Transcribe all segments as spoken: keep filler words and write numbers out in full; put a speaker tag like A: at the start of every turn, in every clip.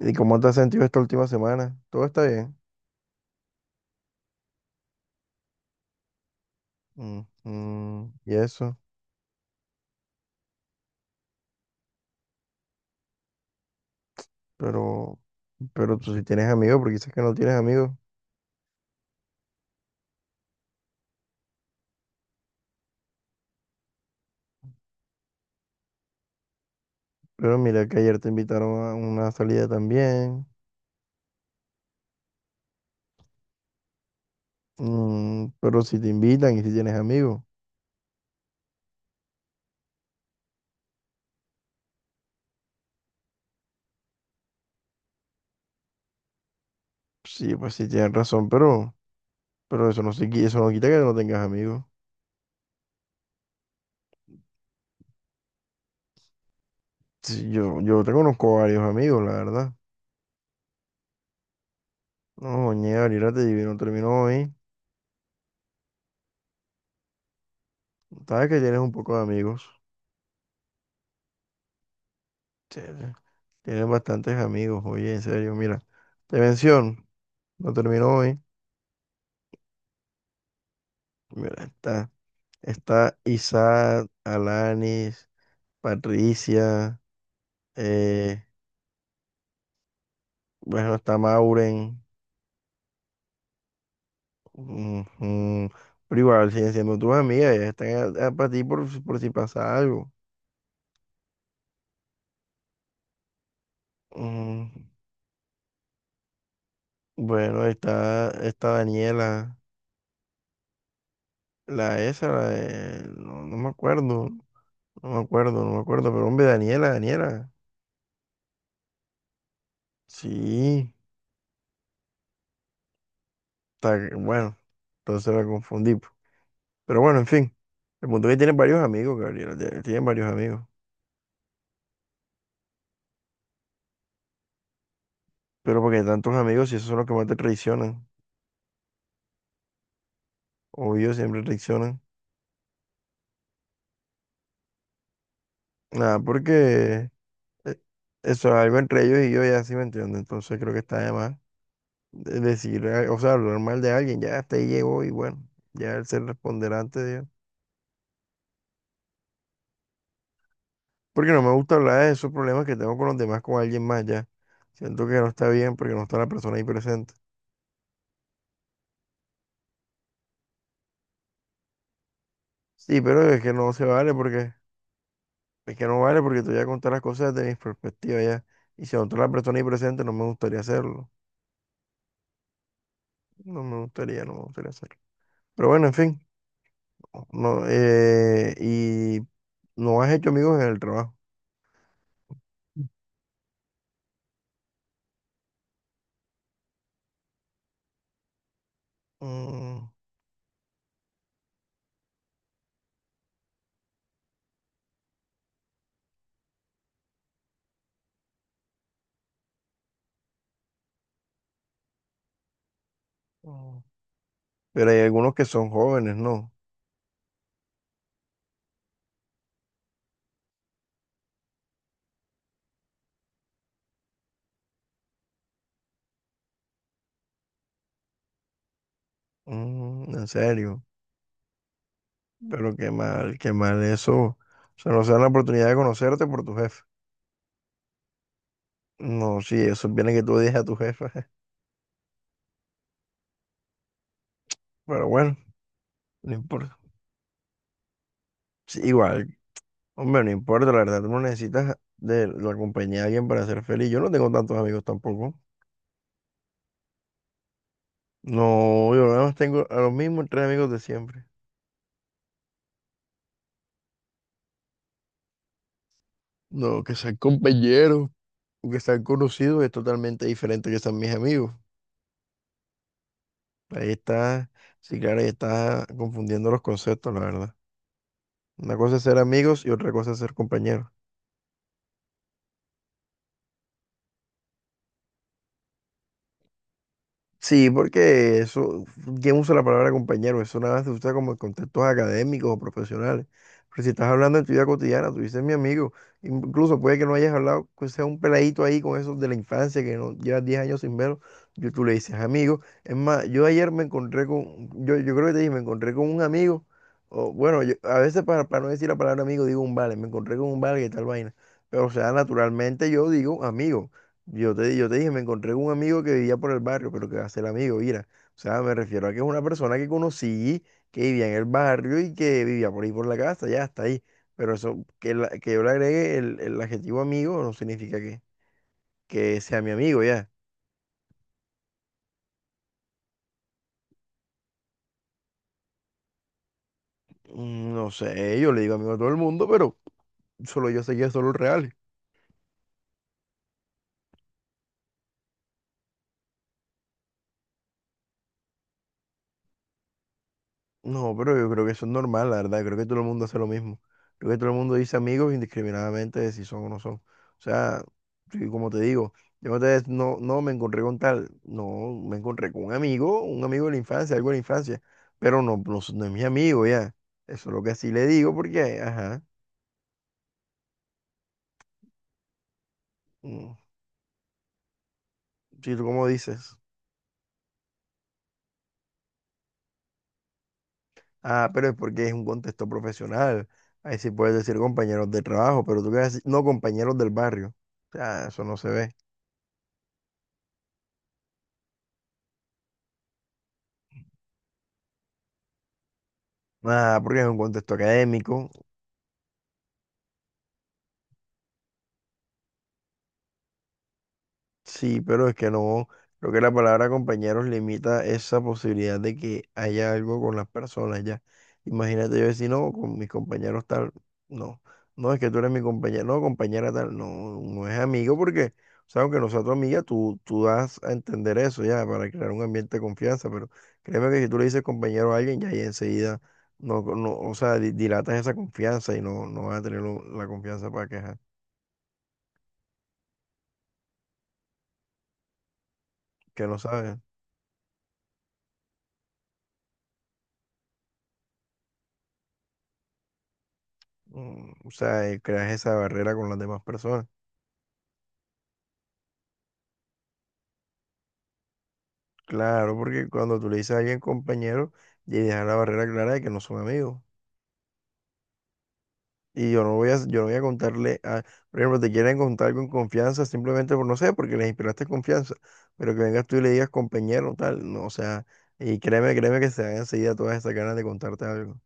A: ¿Y cómo te has sentido esta última semana? Todo está bien. Mm, mm, y eso. Pero, pero tú sí tienes amigos, porque dices que no tienes amigos. Pero mira que ayer te invitaron a una salida también. Mm, pero si te invitan y si tienes amigos. Sí, pues sí tienes razón, pero, pero eso no se, qui- eso no quita que no tengas amigos. Sí, yo, yo te conozco varios amigos, la verdad. No, ñe, ahorita te no terminó hoy. Sabes que tienes un poco de amigos. Chévere. Tienes bastantes amigos, oye, en serio, mira. Te menciono, no terminó hoy. Mira, está, está Isaac, Alanis, Patricia, eh, bueno, está Mauren, ujú, pero igual siguen siendo tus amigas, ellas están a- a- para ti por, si- por si pasa algo. Ujú. Bueno, está, está Daniela, la esa, la de- no, no me acuerdo, no me acuerdo, no me acuerdo, pero hombre, Daniela, Daniela, sí. Está que- bueno, entonces la confundí. Po. Pero bueno, en fin. El punto es que tiene varios amigos, Gabriel. ya- Tiene varios amigos. Pero porque tantos amigos, si esos son los que más te traicionan. Obvio, siempre traicionan. Nada, porque eh, eso es algo entre ellos y yo ya sí me entiendo. Entonces creo que está de más de- decir, eh, o sea, hablar mal de alguien. Ya hasta ahí llegó y bueno, ya él se responderá ante Dios. Porque no me gusta hablar de esos problemas que tengo con los demás, con alguien más ya. Siento que no está bien porque no está la persona ahí presente. Sí, pero es que no se vale porque es que no vale porque te voy a contar las cosas desde mi perspectiva ya. Y si otra persona ahí presente, no me gustaría hacerlo. No me gustaría, no me gustaría hacerlo. Pero bueno, en fin. No, eh, y no has hecho amigos en el trabajo. Mm, mm. Pero hay algunos que son jóvenes, ¿no? Mm, en serio. Pero qué mal, qué mal eso. O sea, no se dan la oportunidad de conocerte por tu jefe. No, sí, eso viene que tú digas a tu jefa. Pero bueno, no importa. Sí, igual. Hombre, no importa, la verdad, tú no necesitas de la compañía de alguien para ser feliz. Yo no tengo tantos amigos tampoco. No, yo nada más tengo a los mismos tres amigos de siempre. No, que sean compañeros o que sean conocidos es totalmente diferente que sean mis amigos. Ahí está, sí, claro, ahí está confundiendo los conceptos, la verdad. Una cosa es ser amigos y otra cosa es ser compañeros. Sí, porque eso, ¿quién usa la palabra compañero? Eso nada más se usa como en contextos académicos o profesionales. Pero si estás hablando en tu vida cotidiana, tú dices mi amigo, incluso puede que no hayas hablado, que sea un peladito ahí con esos de la infancia que no llevas diez años sin verlo, yo, tú le dices amigo. Es más, yo ayer me encontré con, yo, yo creo que te dije, me encontré con un amigo, o bueno, yo- a veces para, para no decir la palabra amigo digo un vale, me encontré con un vale y tal vaina. Pero o sea, naturalmente yo digo amigo. Yo te, yo te dije, me encontré con un amigo que vivía por el barrio, pero que va a ser amigo, mira. O sea, me refiero a que es una persona que conocí, que vivía en el barrio y que vivía por ahí por la casa, ya está ahí. Pero eso, que, la- que yo le agregue el, el adjetivo amigo no significa que, que sea mi amigo, ya. Mm, no sé, yo le digo amigo a todo el mundo, pero solo yo sé que son los reales. No, pero yo creo que eso es normal, la verdad. Creo que todo el mundo hace lo mismo. Creo que todo el mundo dice amigos indiscriminadamente de si son o no son. O sea, sí, como te digo, yo otra vez no, no me encontré con tal, no, me encontré con un amigo, un amigo de la infancia, algo de la infancia, pero no, no, es no es mi amigo ya. Eso es lo que así le digo porque, ajá, mm, sí, tú como dices, ah, pero es porque es un contexto profesional. Ahí sí puedes decir compañeros de trabajo, pero tú qué vas a decir, no compañeros del barrio. O sea, eso no se ve. Nada, porque es un contexto académico, sí, pero es que no, creo que la palabra compañeros limita esa posibilidad de que haya algo con las personas ya. Imagínate yo decir, no, con mis compañeros tal, no, no es que tú eres mi compañero, no, compañera tal, no, no es amigo porque, o sea, aunque no sea tu amiga, tú, tú das a entender eso ya para crear un ambiente de confianza, pero créeme que si tú le dices compañero a alguien, ya ahí enseguida, no, no, o sea, di- dilatas esa confianza y no, no vas a tener lo- la confianza para quejar, que no sabes. Mm, o sea, eh, creas esa barrera con las demás personas. Claro, porque cuando tú le dices a alguien compañero, ya dejas la barrera clara de que no son amigos. Y yo no voy a, yo no voy a contarle a, por ejemplo, te quieren contar con confianza simplemente por no sé, porque les inspiraste confianza. Pero que vengas tú y le digas compañero, tal, no, o sea, y créeme, créeme que se dan enseguida todas esas ganas de contarte algo.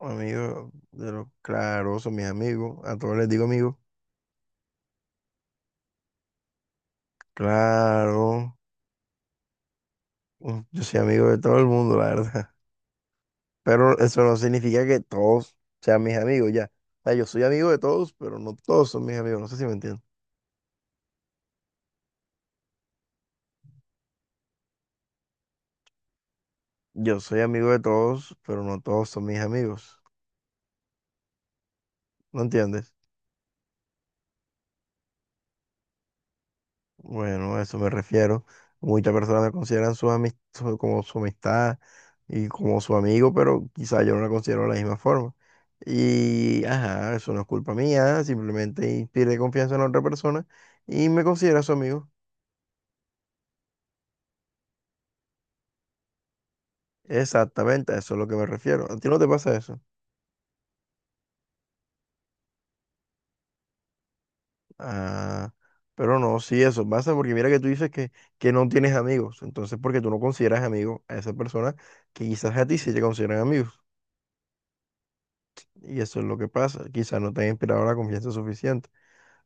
A: Amigos, de los claro, son mis amigos, a todos les digo amigos. Claro, mm, yo soy amigo de todo el mundo, la verdad. Pero eso no significa que todos sean mis amigos, ya. O sea, yo soy amigo de todos, pero no todos son mis amigos. No sé si me entiendes. Yo soy amigo de todos, pero no todos son mis amigos. ¿No entiendes? Bueno, a eso me refiero. Muchas personas me consideran su amis- su- como su amistad y como su amigo, pero quizá yo no la considero de la misma forma. Y, ajá, eso no es culpa mía, simplemente pierde confianza en la otra persona y me considera su amigo. Exactamente, a eso es lo que me refiero. ¿A ti no te pasa eso? Ah, pero no, sí, eso pasa porque mira que tú dices que, que no tienes amigos, entonces porque tú no consideras amigo a esa persona que quizás a ti sí te consideran amigos, y eso es lo que pasa, quizás no te han inspirado la confianza suficiente,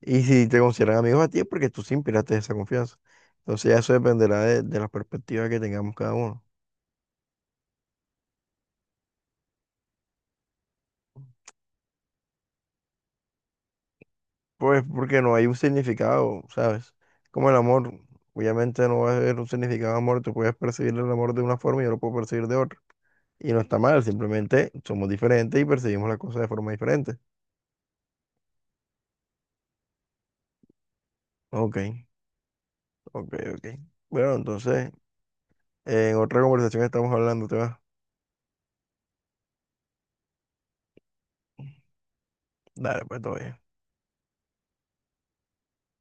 A: y si te consideran amigos a ti es porque tú sí inspiraste esa confianza, entonces ya eso dependerá de, de la perspectiva que tengamos cada uno, pues porque no hay un significado, ¿sabes? Como el amor, obviamente no va a haber un significado de amor, tú puedes percibir el amor de una forma y yo lo puedo percibir de otra. Y no está mal, simplemente somos diferentes y percibimos las cosas de forma diferente. Ok, ok, ok. Bueno, entonces, en otra conversación estamos hablando, ¿te va? Dale, pues todavía.